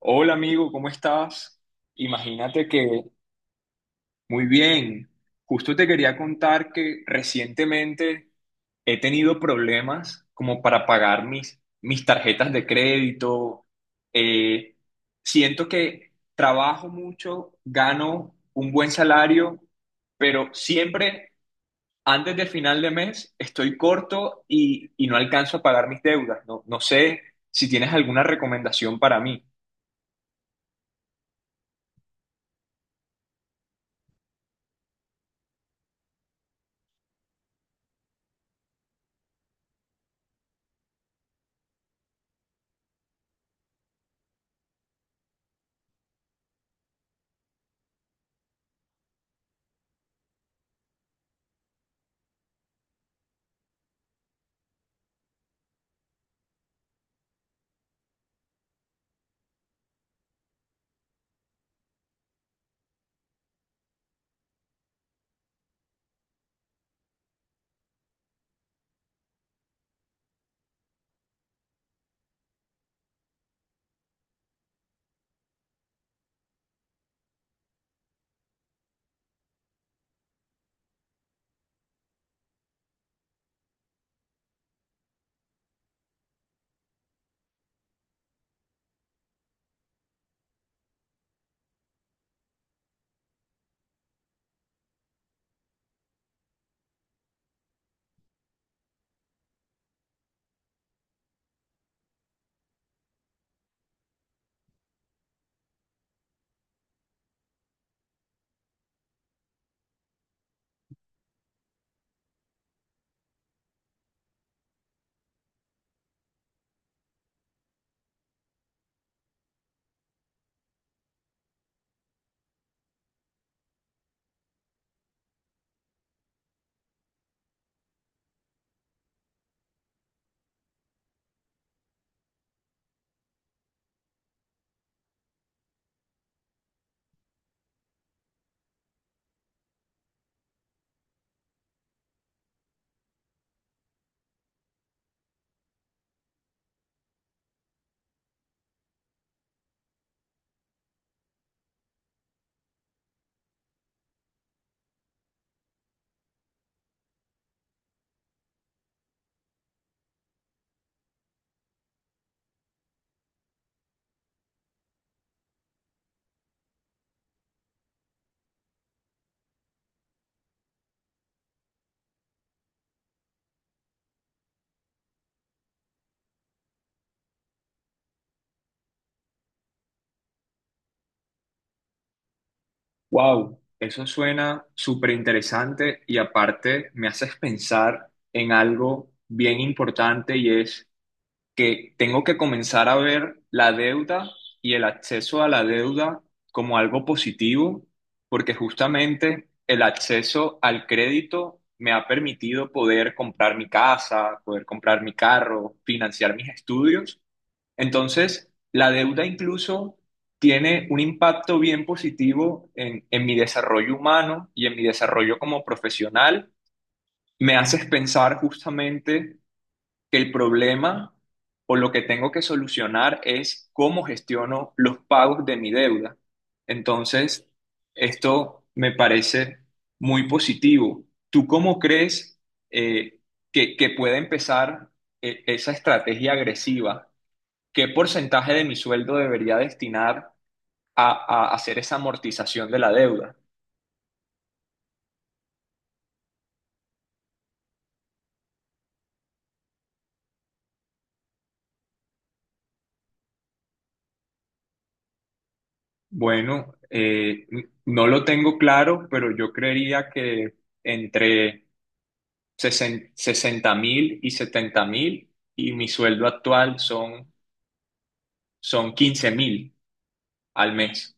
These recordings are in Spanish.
Hola amigo, ¿cómo estás? Imagínate que, muy bien. Justo te quería contar que recientemente he tenido problemas como para pagar mis tarjetas de crédito. Eh, Siento que trabajo mucho, gano un buen salario, pero siempre antes del final de mes estoy corto y no alcanzo a pagar mis deudas. No, no sé si tienes alguna recomendación para mí. Wow, eso suena súper interesante y aparte me haces pensar en algo bien importante y es que tengo que comenzar a ver la deuda y el acceso a la deuda como algo positivo, porque justamente el acceso al crédito me ha permitido poder comprar mi casa, poder comprar mi carro, financiar mis estudios. Entonces, la deuda incluso tiene un impacto bien positivo en mi desarrollo humano y en mi desarrollo como profesional. Me haces pensar justamente que el problema o lo que tengo que solucionar es cómo gestiono los pagos de mi deuda. Entonces, esto me parece muy positivo. ¿Tú cómo crees eh, que puede empezar esa estrategia agresiva? ¿Qué porcentaje de mi sueldo debería destinar a hacer esa amortización de la deuda? Bueno, no lo tengo claro, pero yo creería que entre 60 mil y 70 mil y mi sueldo actual son 15 mil al mes.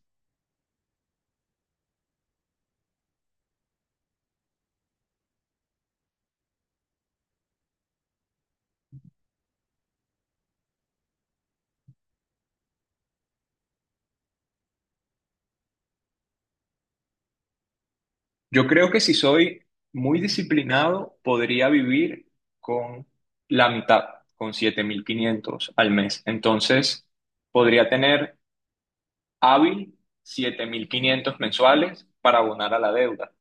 Yo creo que si soy muy disciplinado, podría vivir con la mitad, con 7.500 al mes. Entonces, podría tener hábil 7,500 mensuales para abonar a la deuda.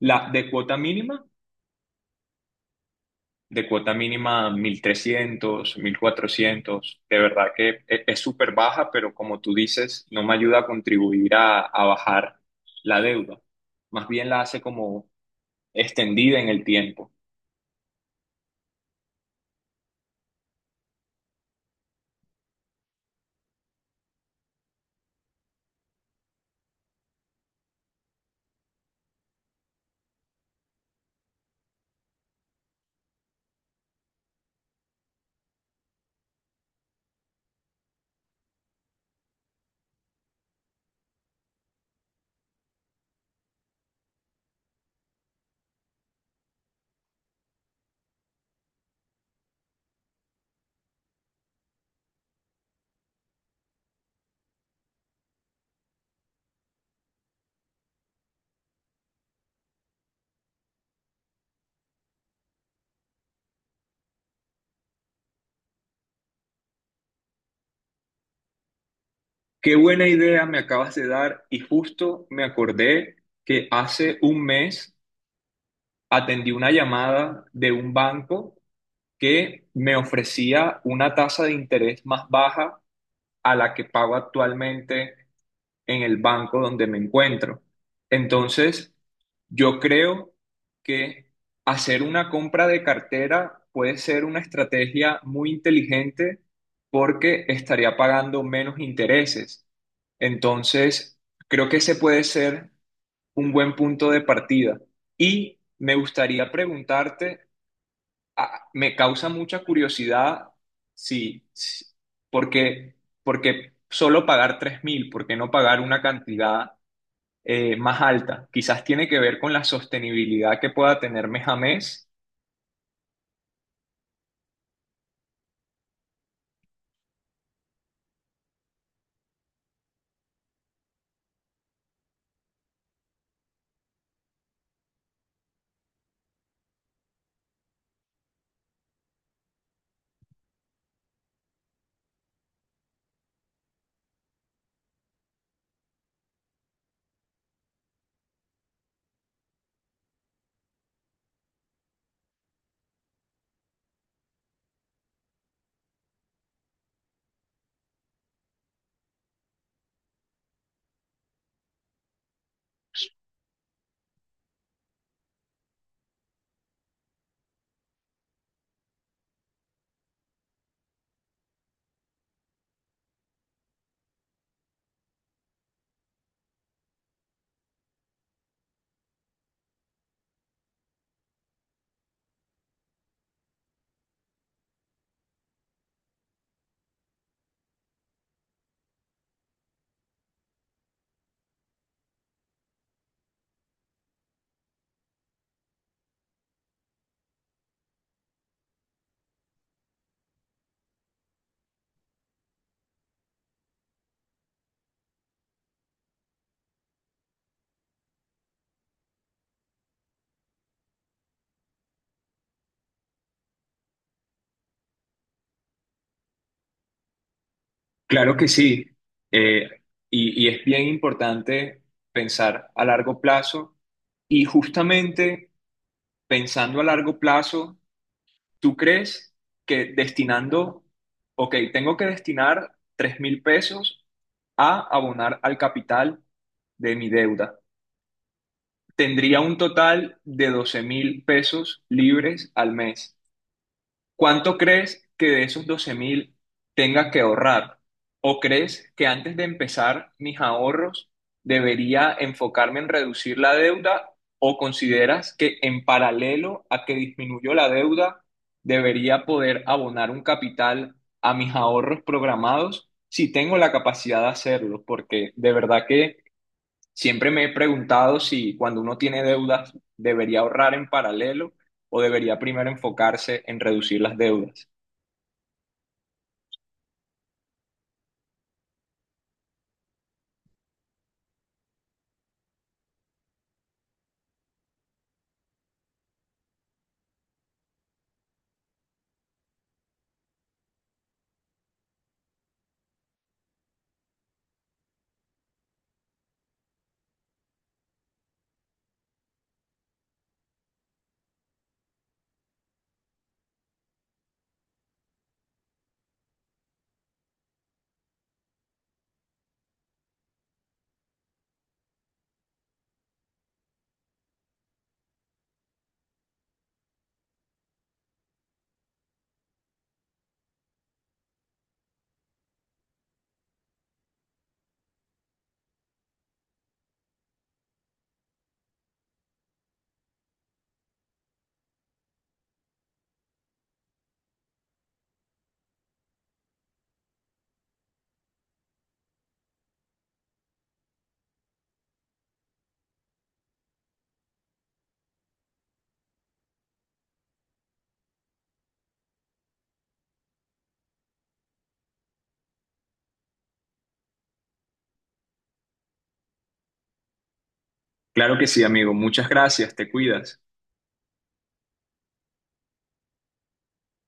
La de cuota mínima, 1,300, 1,400. De verdad que es súper baja, pero como tú dices, no me ayuda a contribuir a bajar la deuda. Más bien la hace como extendida en el tiempo. Qué buena idea me acabas de dar y justo me acordé que hace un mes atendí una llamada de un banco que me ofrecía una tasa de interés más baja a la que pago actualmente en el banco donde me encuentro. Entonces, yo creo que hacer una compra de cartera puede ser una estrategia muy inteligente porque estaría pagando menos intereses. Entonces, creo que ese puede ser un buen punto de partida. Y me gustaría preguntarte me causa mucha curiosidad si, si- porque, porque solo pagar 3,000, ¿por qué no pagar una cantidad más alta? Quizás tiene que ver con la sostenibilidad que pueda tener mes a mes. Claro que sí. Eh, y es bien importante pensar a largo plazo. Y justamente pensando a largo plazo, ¿tú crees que destinando, ok, tengo que destinar 3,000 pesos a abonar al capital de mi deuda? Tendría un total de 12,000 pesos libres al mes. ¿Cuánto crees que de esos 12,000 tenga que ahorrar? ¿O crees que antes de empezar mis ahorros debería enfocarme en reducir la deuda? ¿O consideras que en paralelo a que disminuyó la deuda, debería poder abonar un capital a mis ahorros programados si tengo la capacidad de hacerlo? Porque de verdad que siempre me he preguntado si cuando uno tiene deudas debería ahorrar en paralelo o debería primero enfocarse en reducir las deudas. Claro que sí, amigo. Muchas gracias. Te cuidas.